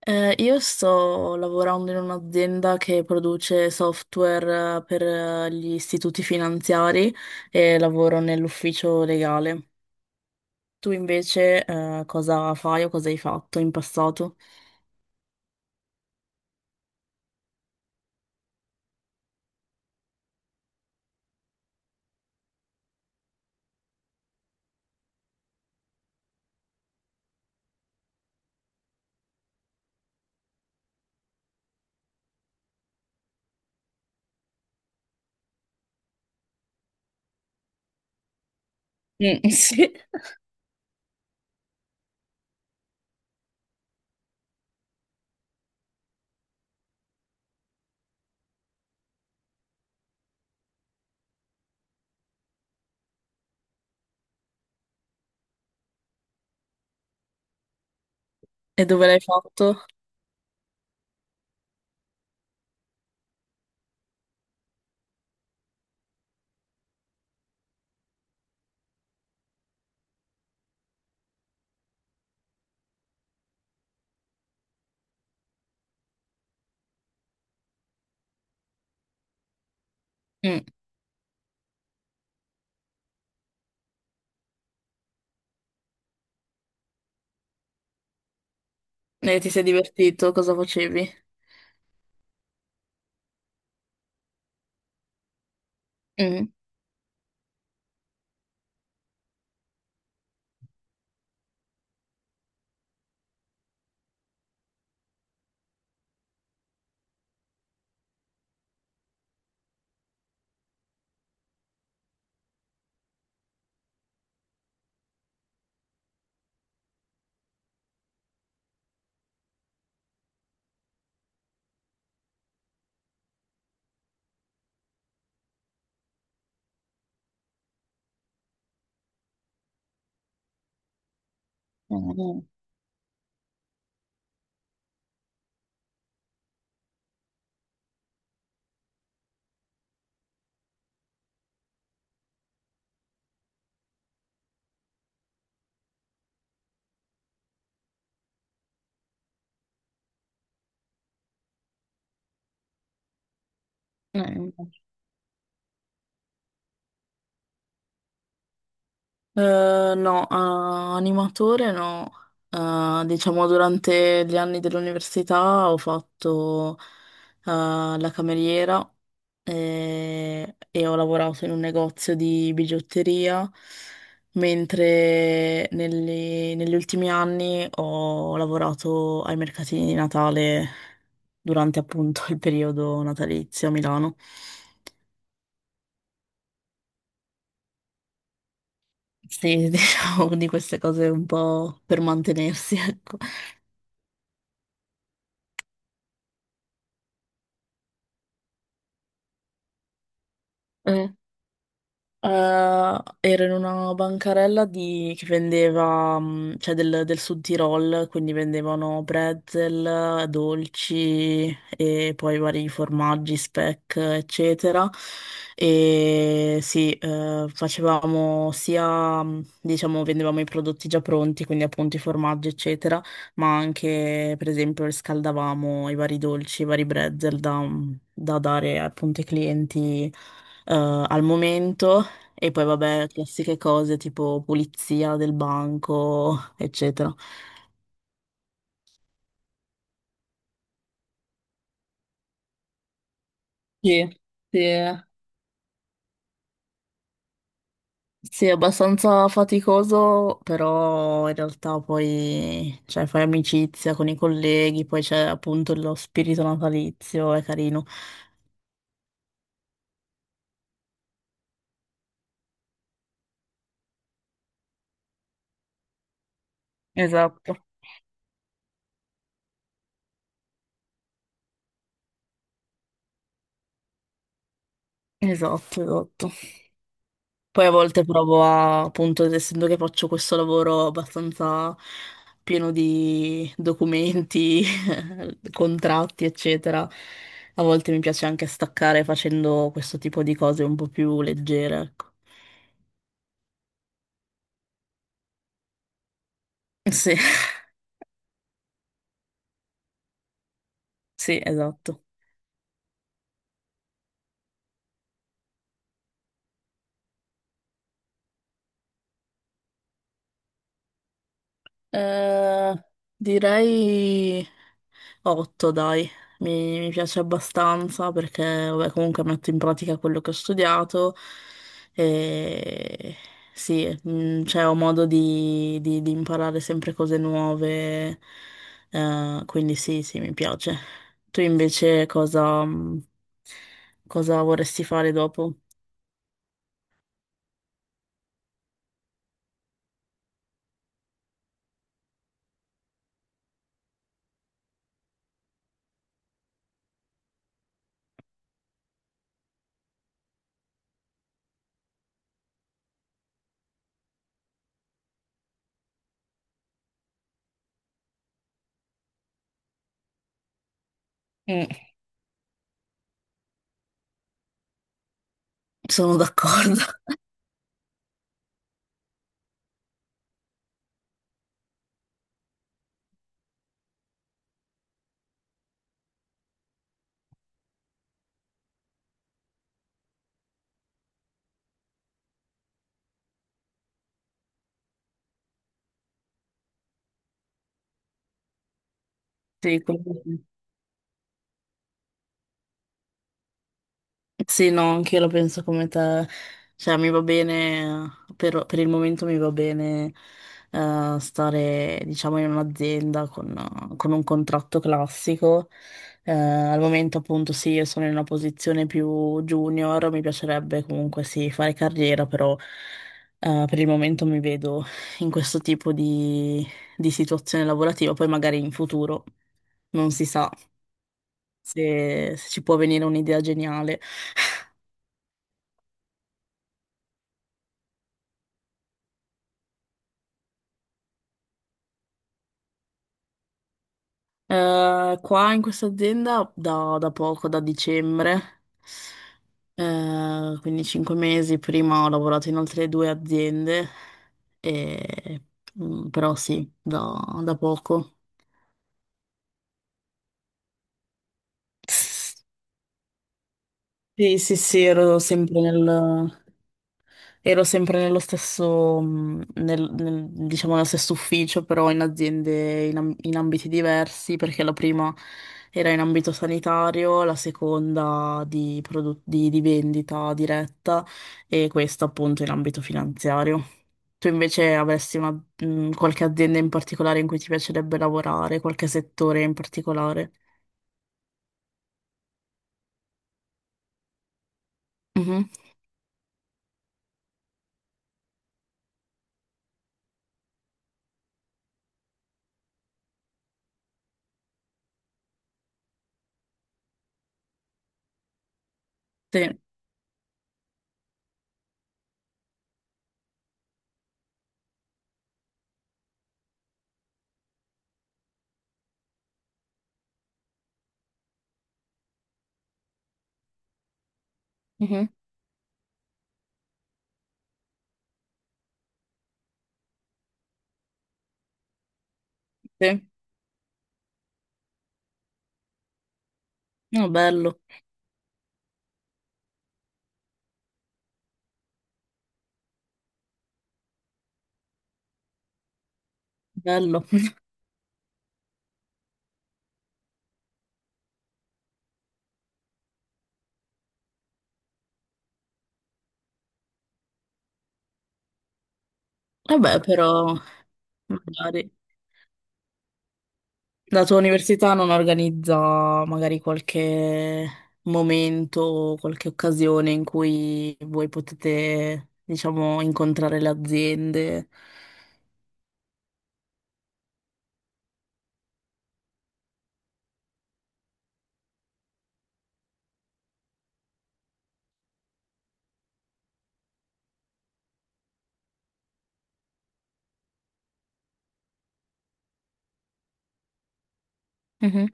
Io sto lavorando in un'azienda che produce software, per gli istituti finanziari e lavoro nell'ufficio legale. Tu invece, cosa fai o cosa hai fatto in passato? Mm, sì. E dove l'hai fatto? Mm. E ti sei divertito? Cosa facevi? Mm. Mm, mm. No, animatore no. Ah, diciamo durante gli anni dell'università ho fatto la cameriera, e ho lavorato in un negozio di bigiotteria, mentre negli ultimi anni ho lavorato ai mercatini di Natale durante appunto il periodo natalizio a Milano. Sì, diciamo di queste cose un po' per mantenersi, ecco. Eh, ero in una bancarella che vendeva, mm, cioè del Sud Tirol, quindi vendevano pretzel, dolci e poi vari formaggi, speck, eccetera. E sì, facevamo sia, mm, diciamo, vendevamo i prodotti già pronti, quindi appunto i formaggi, eccetera, ma anche, per esempio, riscaldavamo i vari dolci, i vari pretzel da da dare appunto ai clienti eh, al momento, e poi vabbè, classiche cose tipo pulizia del banco, eccetera. Sì, sì. Sì, è abbastanza faticoso, però in realtà poi cioè, fai amicizia con i colleghi, poi c'è appunto lo spirito natalizio, è carino. Esatto. Esatto, esatto. Poi a volte provo a, appunto, essendo che faccio questo lavoro abbastanza pieno di documenti, contratti, eccetera. A volte mi piace anche staccare facendo questo tipo di cose un po' più leggere, ecco. Sì, sì, esatto. Eh, direi 8, dai, mi piace abbastanza perché vabbè, comunque metto in pratica quello che ho studiato e sì, mm, cioè, ho modo di imparare sempre cose nuove, quindi sì, sì, mi piace. Tu invece cosa, mm, cosa vorresti fare dopo? Mm. Sono d'accordo. Sì, quello sì. Sì, no, anche io la penso come te. Cioè, mi va bene, per il momento mi va bene, stare, diciamo, in un'azienda con un contratto classico. Al momento, appunto, sì, io sono in una posizione più junior, mi piacerebbe comunque, sì, fare carriera, però per il momento mi vedo in questo tipo di situazione lavorativa. Poi magari in futuro non si sa se se ci può venire un'idea geniale. Qua in questa azienda da poco, da dicembre, quindi 5 mesi prima ho lavorato in altre due aziende, e- però sì, da, da poco. Sì, sì, sì, ero sempre nel, ero sempre nello stesso, diciamo, nello stesso ufficio, però in aziende in, in ambiti diversi, perché la prima era in ambito sanitario, la seconda di, di vendita diretta e questa appunto in ambito finanziario. Tu invece avresti una, qualche azienda in particolare in cui ti piacerebbe lavorare, qualche settore in particolare? Mhm. Sì, mhm, sì. No, bello, bello. Vabbè, però magari. La tua università non organizza magari qualche momento, qualche occasione in cui voi potete, diciamo, incontrare le aziende. Mhm.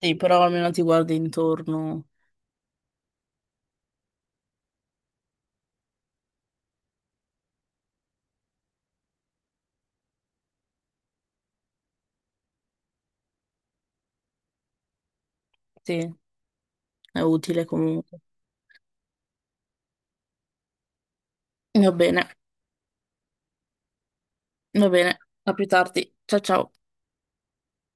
Sì, però almeno ti guardi intorno. Sì, è utile comunque. Va bene, va bene. A più tardi. Ciao ciao.